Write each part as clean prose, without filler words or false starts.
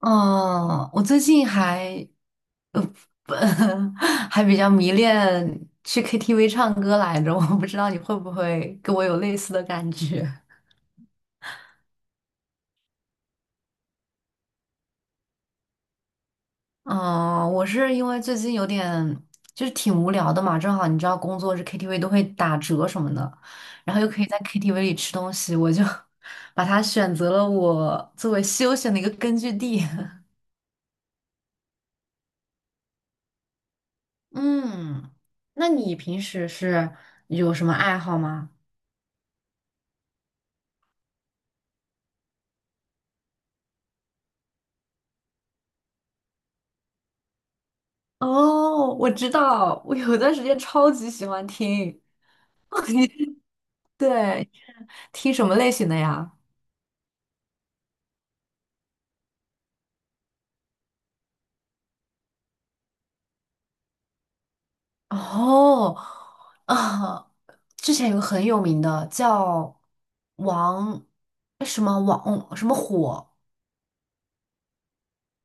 嗯，我最近还，呃，不 还比较迷恋去 KTV 唱歌来着，我不知道你会不会跟我有类似的感觉。嗯，我是因为最近有点就是挺无聊的嘛，正好你知道工作日 KTV 都会打折什么的，然后又可以在 KTV 里吃东西，我就 把它选择了我作为休闲的一个根据地。嗯，那你平时是有什么爱好吗？哦，我知道，我有段时间超级喜欢听。你对，听什么类型的呀？哦，啊，之前有个很有名的叫王，哎什么王什么火，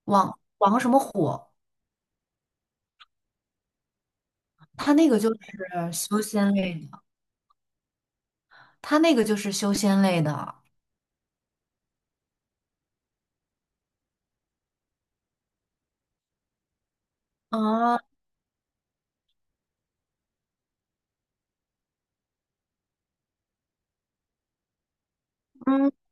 王什么火，他那个就是修仙类的，他那个就是修仙类的啊，嗯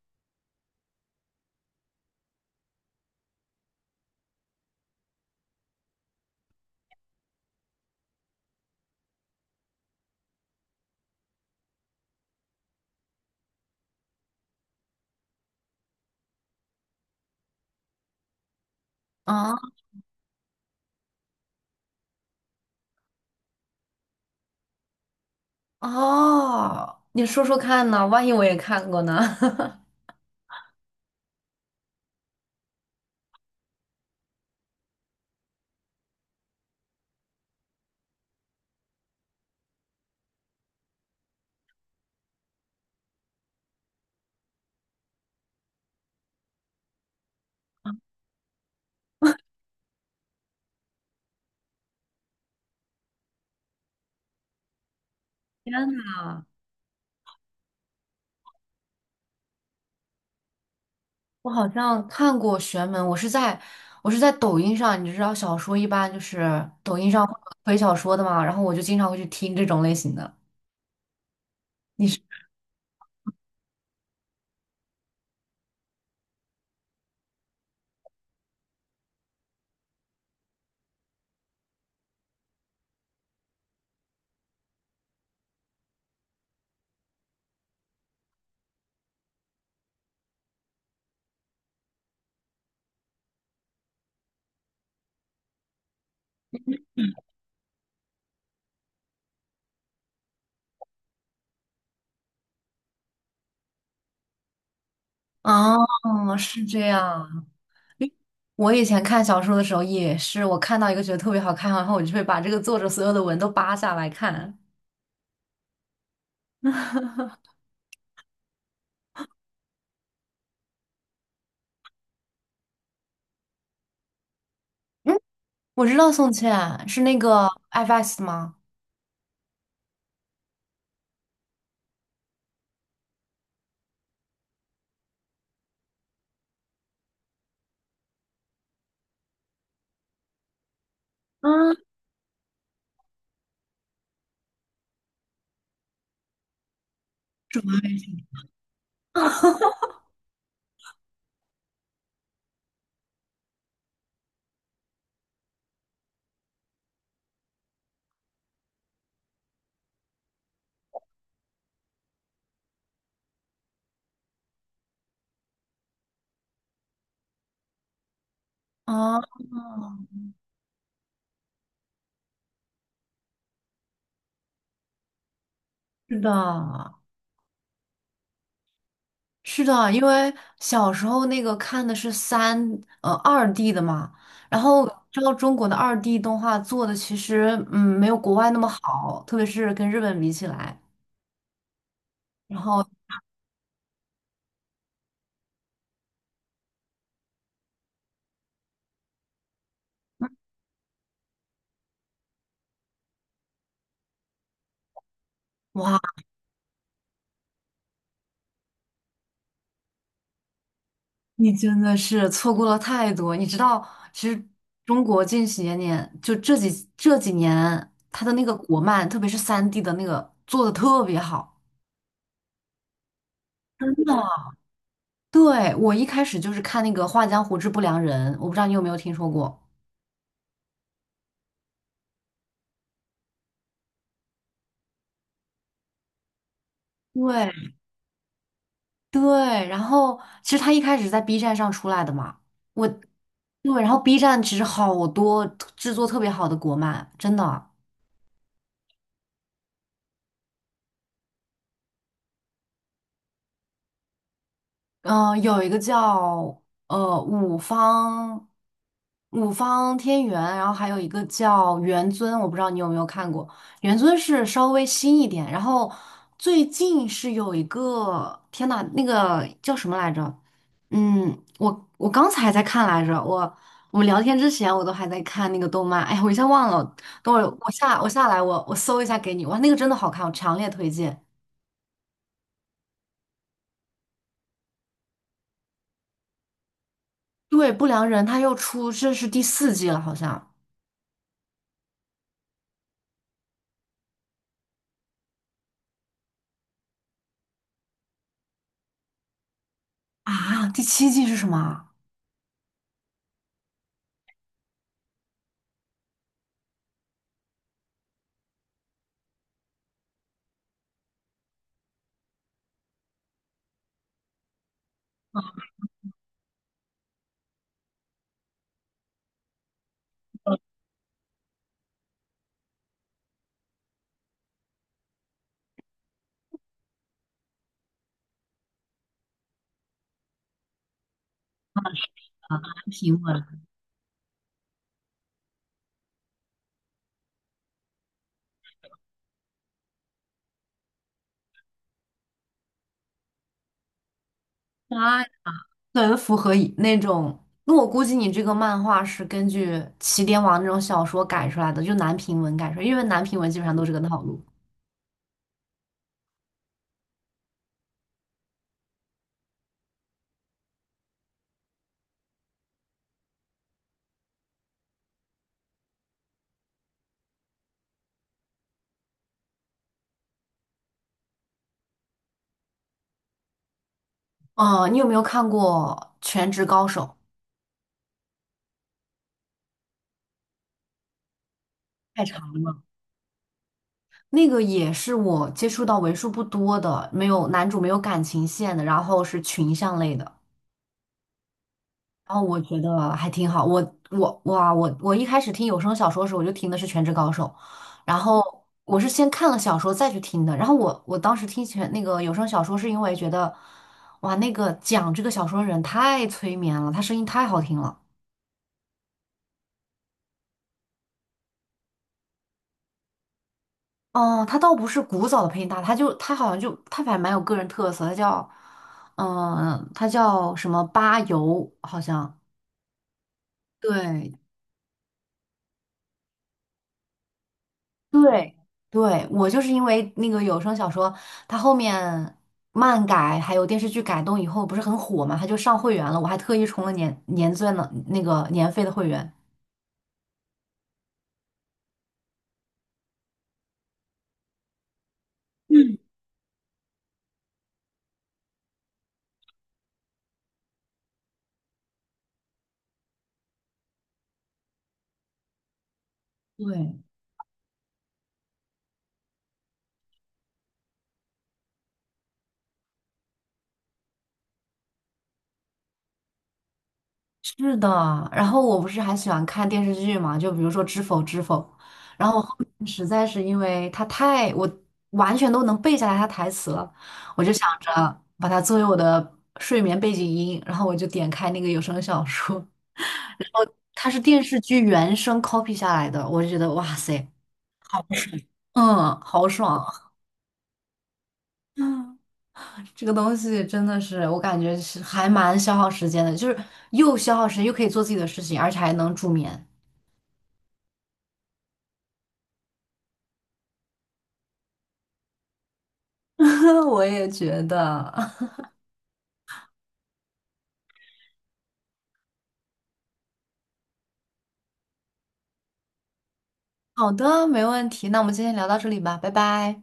啊哦，你说说看呢？万一我也看过呢？天呐！我好像看过玄门，我是在抖音上，你知道小说一般就是抖音上会有推小说的嘛，然后我就经常会去听这种类型的。你是啊，是这样。我以前看小说的时候也是，我看到一个觉得特别好看，然后我就会把这个作者所有的文都扒下来看。嗯，我知道宋茜是那个 FX 吗？啊，么？啊，是的，是的，因为小时候那个看的是三二 D 的嘛，然后知道中国的二 D 动画做的其实嗯没有国外那么好，特别是跟日本比起来。然后 哇，你真的是错过了太多。你知道，其实中国近些年年就这几年，它的那个国漫，特别是三 D 的那个做的特别好。真的。对，我一开始就是看那个《画江湖之不良人》，我不知道你有没有听说过。对，对，然后其实他一开始在 B 站上出来的嘛，我对，然后 B 站其实好多制作特别好的国漫，真的，嗯、有一个叫五方，五方天元，然后还有一个叫元尊，我不知道你有没有看过，元尊是稍微新一点，然后最近是有一个，天呐，那个叫什么来着？嗯，我刚才还在看来着，我我们聊天之前我都还在看那个动漫，哎呀，我一下忘了，等会儿我下来我搜一下给你，哇，那个真的好看，我强烈推荐。对，不良人他又出，这是第四季了，好像啊，第七季是什么啊？平文，啊，很符合以那种，那我估计你这个漫画是根据起点网那种小说改出来的，就男频文改出来，因为男频文基本上都是这个套路。嗯，你有没有看过《全职高手》？太长了。那个也是我接触到为数不多的，没有男主没有感情线的，然后是群像类的，然后我觉得还挺好。我哇，我一开始听有声小说的时候，我就听的是《全职高手》，然后我是先看了小说再去听的。然后我当时听全那个有声小说，是因为觉得哇，那个讲这个小说的人太催眠了，他声音太好听了。哦，他倒不是古早的配音大，他好像就他反正蛮有个人特色，他叫，嗯，他叫什么巴油，好像对，对对，我就是因为那个有声小说，它后面漫改还有电视剧改动以后不是很火嘛，他就上会员了，我还特意充了年年钻的那个年费的会员。对，是的，然后我不是还喜欢看电视剧嘛，就比如说《知否知否》，然后我后面实在是因为它太，我完全都能背下来它台词了，我就想着把它作为我的睡眠背景音，然后我就点开那个有声小说，它是电视剧原声 copy 下来的，我就觉得哇塞，嗯，好爽。嗯，这个东西真的是，我感觉是还蛮消耗时间的，就是又消耗时间，又可以做自己的事情，而且还能助眠。我也觉得。好的，没问题。那我们今天聊到这里吧，拜拜。